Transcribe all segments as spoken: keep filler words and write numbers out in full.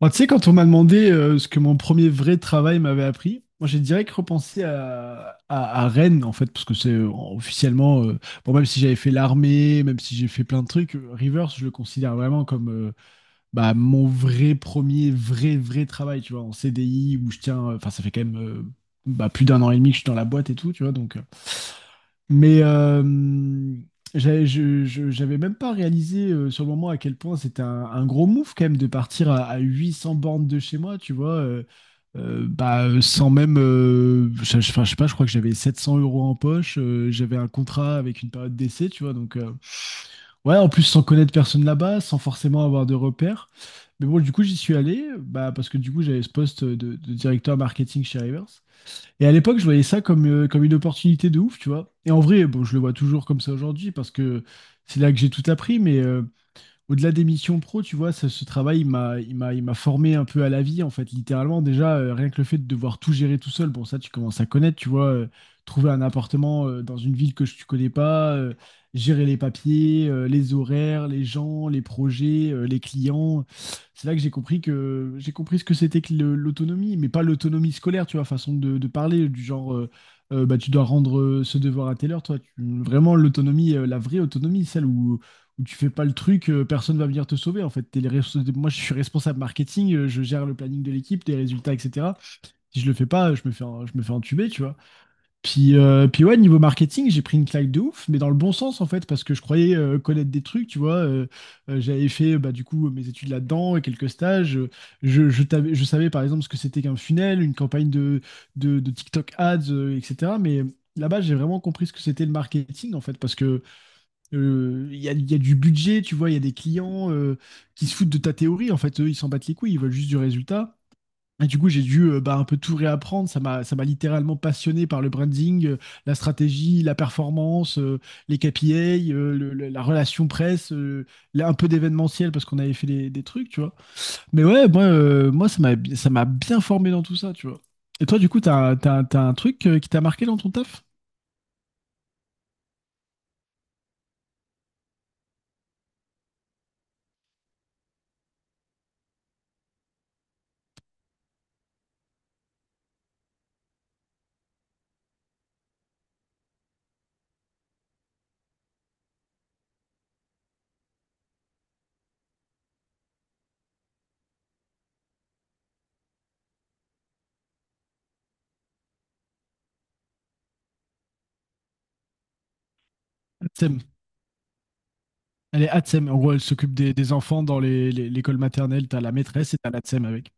Moi, tu sais, quand on m'a demandé euh, ce que mon premier vrai travail m'avait appris. Moi j'ai direct repensé à, à, à Rennes, en fait, parce que c'est euh, officiellement, euh, bon, même si j'avais fait l'armée, même si j'ai fait plein de trucs, euh, Rivers, je le considère vraiment comme euh, bah, mon vrai premier, vrai, vrai travail, tu vois, en C D I, où je tiens, euh, enfin, ça fait quand même euh, bah, plus d'un an et demi que je suis dans la boîte et tout, tu vois, donc. euh, mais euh, j'avais je- je- J'avais même pas réalisé euh, sur le moment à quel point c'était un, un gros move quand même de partir à, à huit cents bornes de chez moi, tu vois. Euh, euh, bah, euh, sans même. Euh, je, je- enfin, je sais pas, je crois que j'avais sept cents euros en poche. Euh, j'avais un contrat avec une période d'essai, tu vois. Donc, euh, ouais, en plus, sans connaître personne là-bas, sans forcément avoir de repères. Mais bon, du coup, j'y suis allé, bah, parce que du coup, j'avais ce poste de, de directeur marketing chez Rivers. Et à l'époque, je voyais ça comme, euh, comme une opportunité de ouf, tu vois. Et en vrai, bon, je le vois toujours comme ça aujourd'hui parce que c'est là que j'ai tout appris, mais euh, au-delà des missions pro, tu vois, ce, ce travail, il m'a, il m'a, il m'a formé un peu à la vie, en fait, littéralement. Déjà, euh, rien que le fait de devoir tout gérer tout seul, bon, ça, tu commences à connaître, tu vois, euh, trouver un appartement euh, dans une ville que je- tu connais pas, euh, gérer les papiers, euh, les horaires, les gens, les projets, euh, les clients. C'est là que j'ai compris que j'ai compris ce que c'était que le- l'autonomie, mais pas l'autonomie scolaire, tu vois, façon de, de parler, du genre, euh, euh, bah, tu dois rendre euh, ce devoir à telle heure, toi. Tu- vraiment, l'autonomie, euh, la vraie autonomie, celle où où tu fais pas le truc, euh, personne va venir te sauver en fait. T'es les respons- Moi, je suis responsable marketing, euh, je gère le planning de l'équipe, les résultats, et cetera. Si je le fais pas, je me fais, en- je me fais entuber, tu vois. Puis, euh, puis ouais, niveau marketing, j'ai pris une claque de ouf, mais dans le bon sens en fait, parce que je croyais euh, connaître des trucs, tu vois. Euh, euh, j'avais fait bah, du coup mes études là-dedans et quelques stages. Euh, Je, je, t'avais- je savais par exemple ce que c'était qu'un funnel, une campagne de, de, de TikTok ads, euh, et cetera. Mais là-bas, j'ai vraiment compris ce que c'était le marketing en fait, parce que euh, il y a, il y a du budget, tu vois, il y a des clients euh, qui se foutent de ta théorie. En fait, eux, ils s'en battent les couilles, ils veulent juste du résultat. Et du coup, j'ai dû euh, bah, un peu tout réapprendre. Ça m'a, ça m'a littéralement passionné par le branding, euh, la stratégie, la performance, euh, les K P I, euh, le- le- la relation presse, euh, là, un peu d'événementiel parce qu'on avait fait des, des trucs, tu vois. Mais ouais, moi, euh, moi ça m'a, bi- ça m'a bien formé dans tout ça, tu vois. Et toi, du coup, t'as, un- t'as, un- t'as un truc euh, qui t'a marqué dans ton taf? Elle est Atsem. En gros, elle s'occupe des, des enfants dans les- les- l'école maternelle. T'as la maîtresse et t'as l'Atsem avec.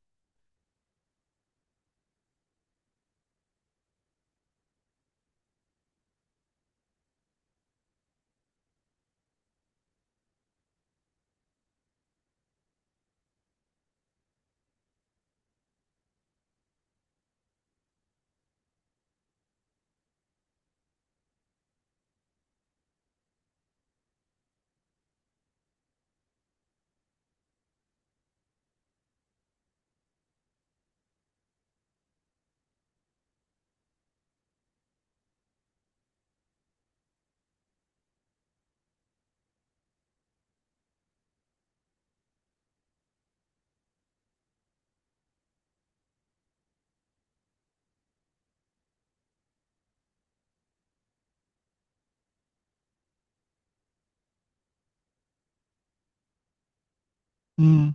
Hmm.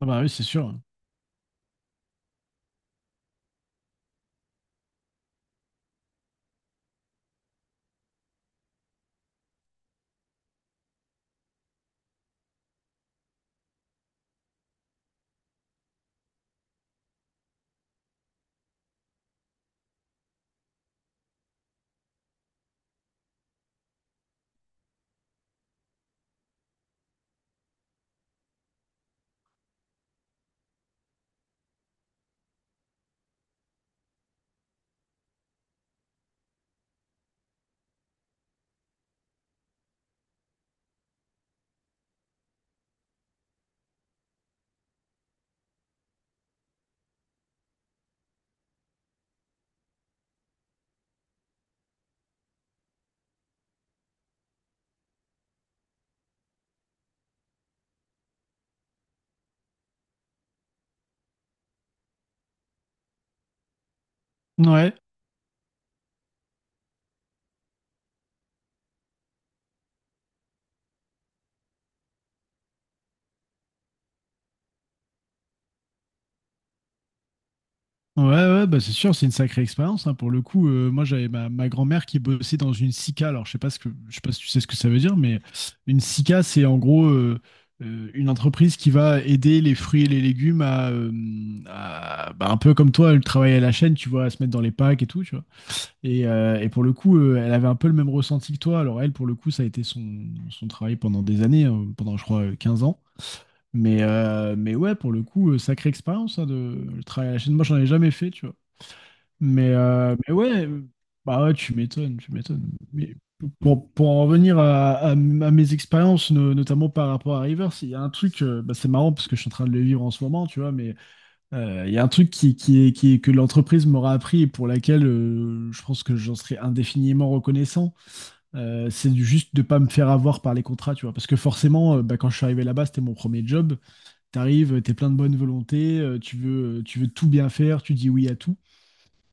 Ah bah oui, c'est sûr. Ouais. Ouais, ouais, bah c'est sûr, c'est une sacrée expérience, hein. Pour le coup, euh, moi j'avais ma, ma grand-mère qui bossait dans une SICA. Alors je sais pas ce que, je sais pas si tu sais ce que ça veut dire, mais une SICA, c'est en gros euh, euh, une entreprise qui va aider les fruits et les légumes à, euh, à- bah, un peu comme toi, le travail à la chaîne, tu vois, à se mettre dans les packs et tout, tu vois. Et, euh, et pour le coup, euh, elle avait un peu le même ressenti que toi. Alors elle, pour le coup, ça a été son, son travail pendant des années, euh, pendant je crois euh, quinze ans. Mais, euh, mais ouais, pour le coup, euh, sacrée expérience, hein, de le travail à la chaîne. Moi, j'en ai jamais fait, tu vois. Mais, euh, mais ouais, euh, bah ouais, tu m'étonnes, tu m'étonnes. Mais pour, pour en revenir à, à- à mes expériences, no- notamment par rapport à Rivers, il y a un truc, euh, bah, c'est marrant parce que je suis en train de le vivre en ce moment, tu vois, mais euh, il y a un truc qui, qui est, qui est- que l'entreprise m'aura appris et pour laquelle euh, je pense que j'en serai indéfiniment reconnaissant, euh, c'est du- juste de pas me faire avoir par les contrats, tu vois. Parce que forcément, euh, bah, quand je suis arrivé là-bas, c'était mon premier job. T'arrives, euh, t'es plein de bonne volonté, euh, tu veux, euh, tu veux tout bien faire, tu dis oui à tout.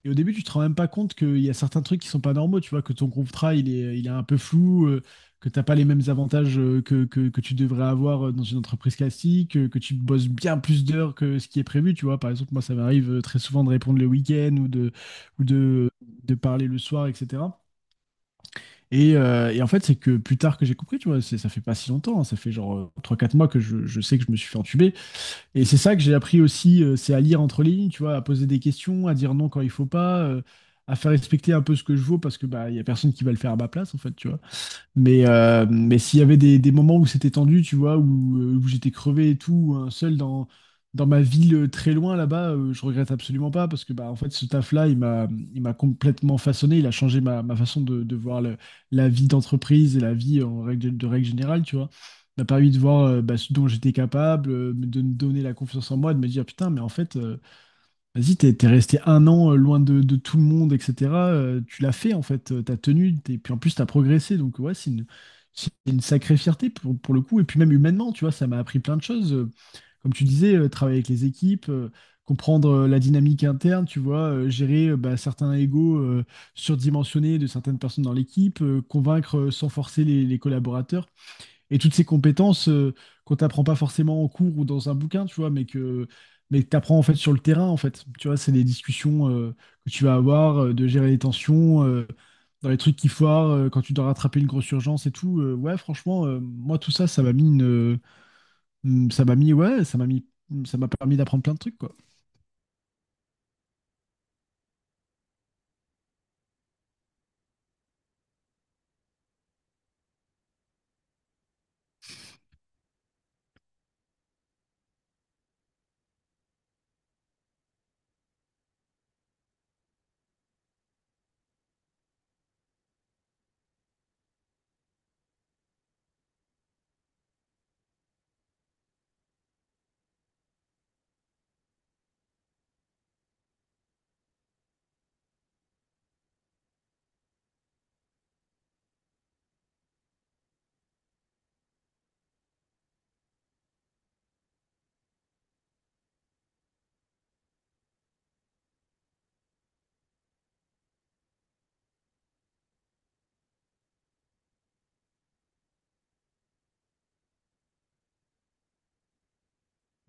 Et au début, tu te rends même pas compte qu'il y a certains trucs qui sont pas normaux, tu vois, que ton groupe tra, il est, il est un peu flou, euh, que t'as pas les mêmes avantages euh, que, que, que tu devrais avoir euh, dans une entreprise classique, euh, que tu bosses bien plus d'heures que ce qui est prévu, tu vois. Par exemple, moi, ça m'arrive euh, très souvent de répondre le week-end ou de, ou de, de parler le soir, et cetera. Et, euh, et en fait, c'est que plus tard que j'ai compris, tu vois, c'est- ça fait pas si longtemps, hein, ça fait genre euh, trois quatre mois que je, je sais que je me suis fait entuber. Et c'est ça que j'ai appris aussi, euh, c'est à lire entre les lignes, tu vois, à poser des questions, à dire non quand il faut pas, euh, à faire respecter un peu ce que je vaux parce que bah il y a personne qui va le faire à ma place en fait, tu vois. Mais, euh, mais s'il y avait des, des moments où c'était tendu, tu vois, où, euh, où j'étais crevé et tout, ou, euh, seul dans, dans ma ville euh, très loin là-bas, euh, je regrette absolument pas parce que bah, en fait, ce taf-là, il m'a, il m'a complètement façonné. Il a changé ma, ma façon de, de voir le- la vie d'entreprise et la vie en règle, de règle générale, tu vois. Il m'a permis de voir euh, bah, ce dont j'étais capable, euh, de me donner la confiance en moi, de me dire putain, mais en fait. euh, Vas-y, t'es, t'es resté un an euh, loin de, de tout le monde, et cetera. Euh, tu l'as fait, en fait, euh, t'as tenu, et puis en plus, t'as progressé. Donc, ouais, c'est une, c'est une sacrée fierté pour, pour le coup. Et puis même humainement, tu vois, ça m'a appris plein de choses. Euh, Comme tu disais, euh, travailler avec les équipes, euh, comprendre euh, la dynamique interne, tu vois, euh, gérer euh, bah, certains égos euh, surdimensionnés de certaines personnes dans l'équipe, euh, convaincre euh, sans forcer les, les collaborateurs. Et toutes ces compétences euh, qu'on t'apprend pas forcément en cours ou dans un bouquin, tu vois, mais que mais que t'apprends en fait sur le terrain, en fait. Tu vois, c'est des discussions euh, que tu vas avoir, euh, de gérer les tensions, euh, dans les trucs qui foirent, euh, quand tu dois rattraper une grosse urgence et tout. Euh, ouais, franchement, euh, moi tout ça, ça m'a mis une, euh, ça m'a mis, ouais, ça m'a mis, ça m'a permis d'apprendre plein de trucs, quoi.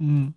Mm.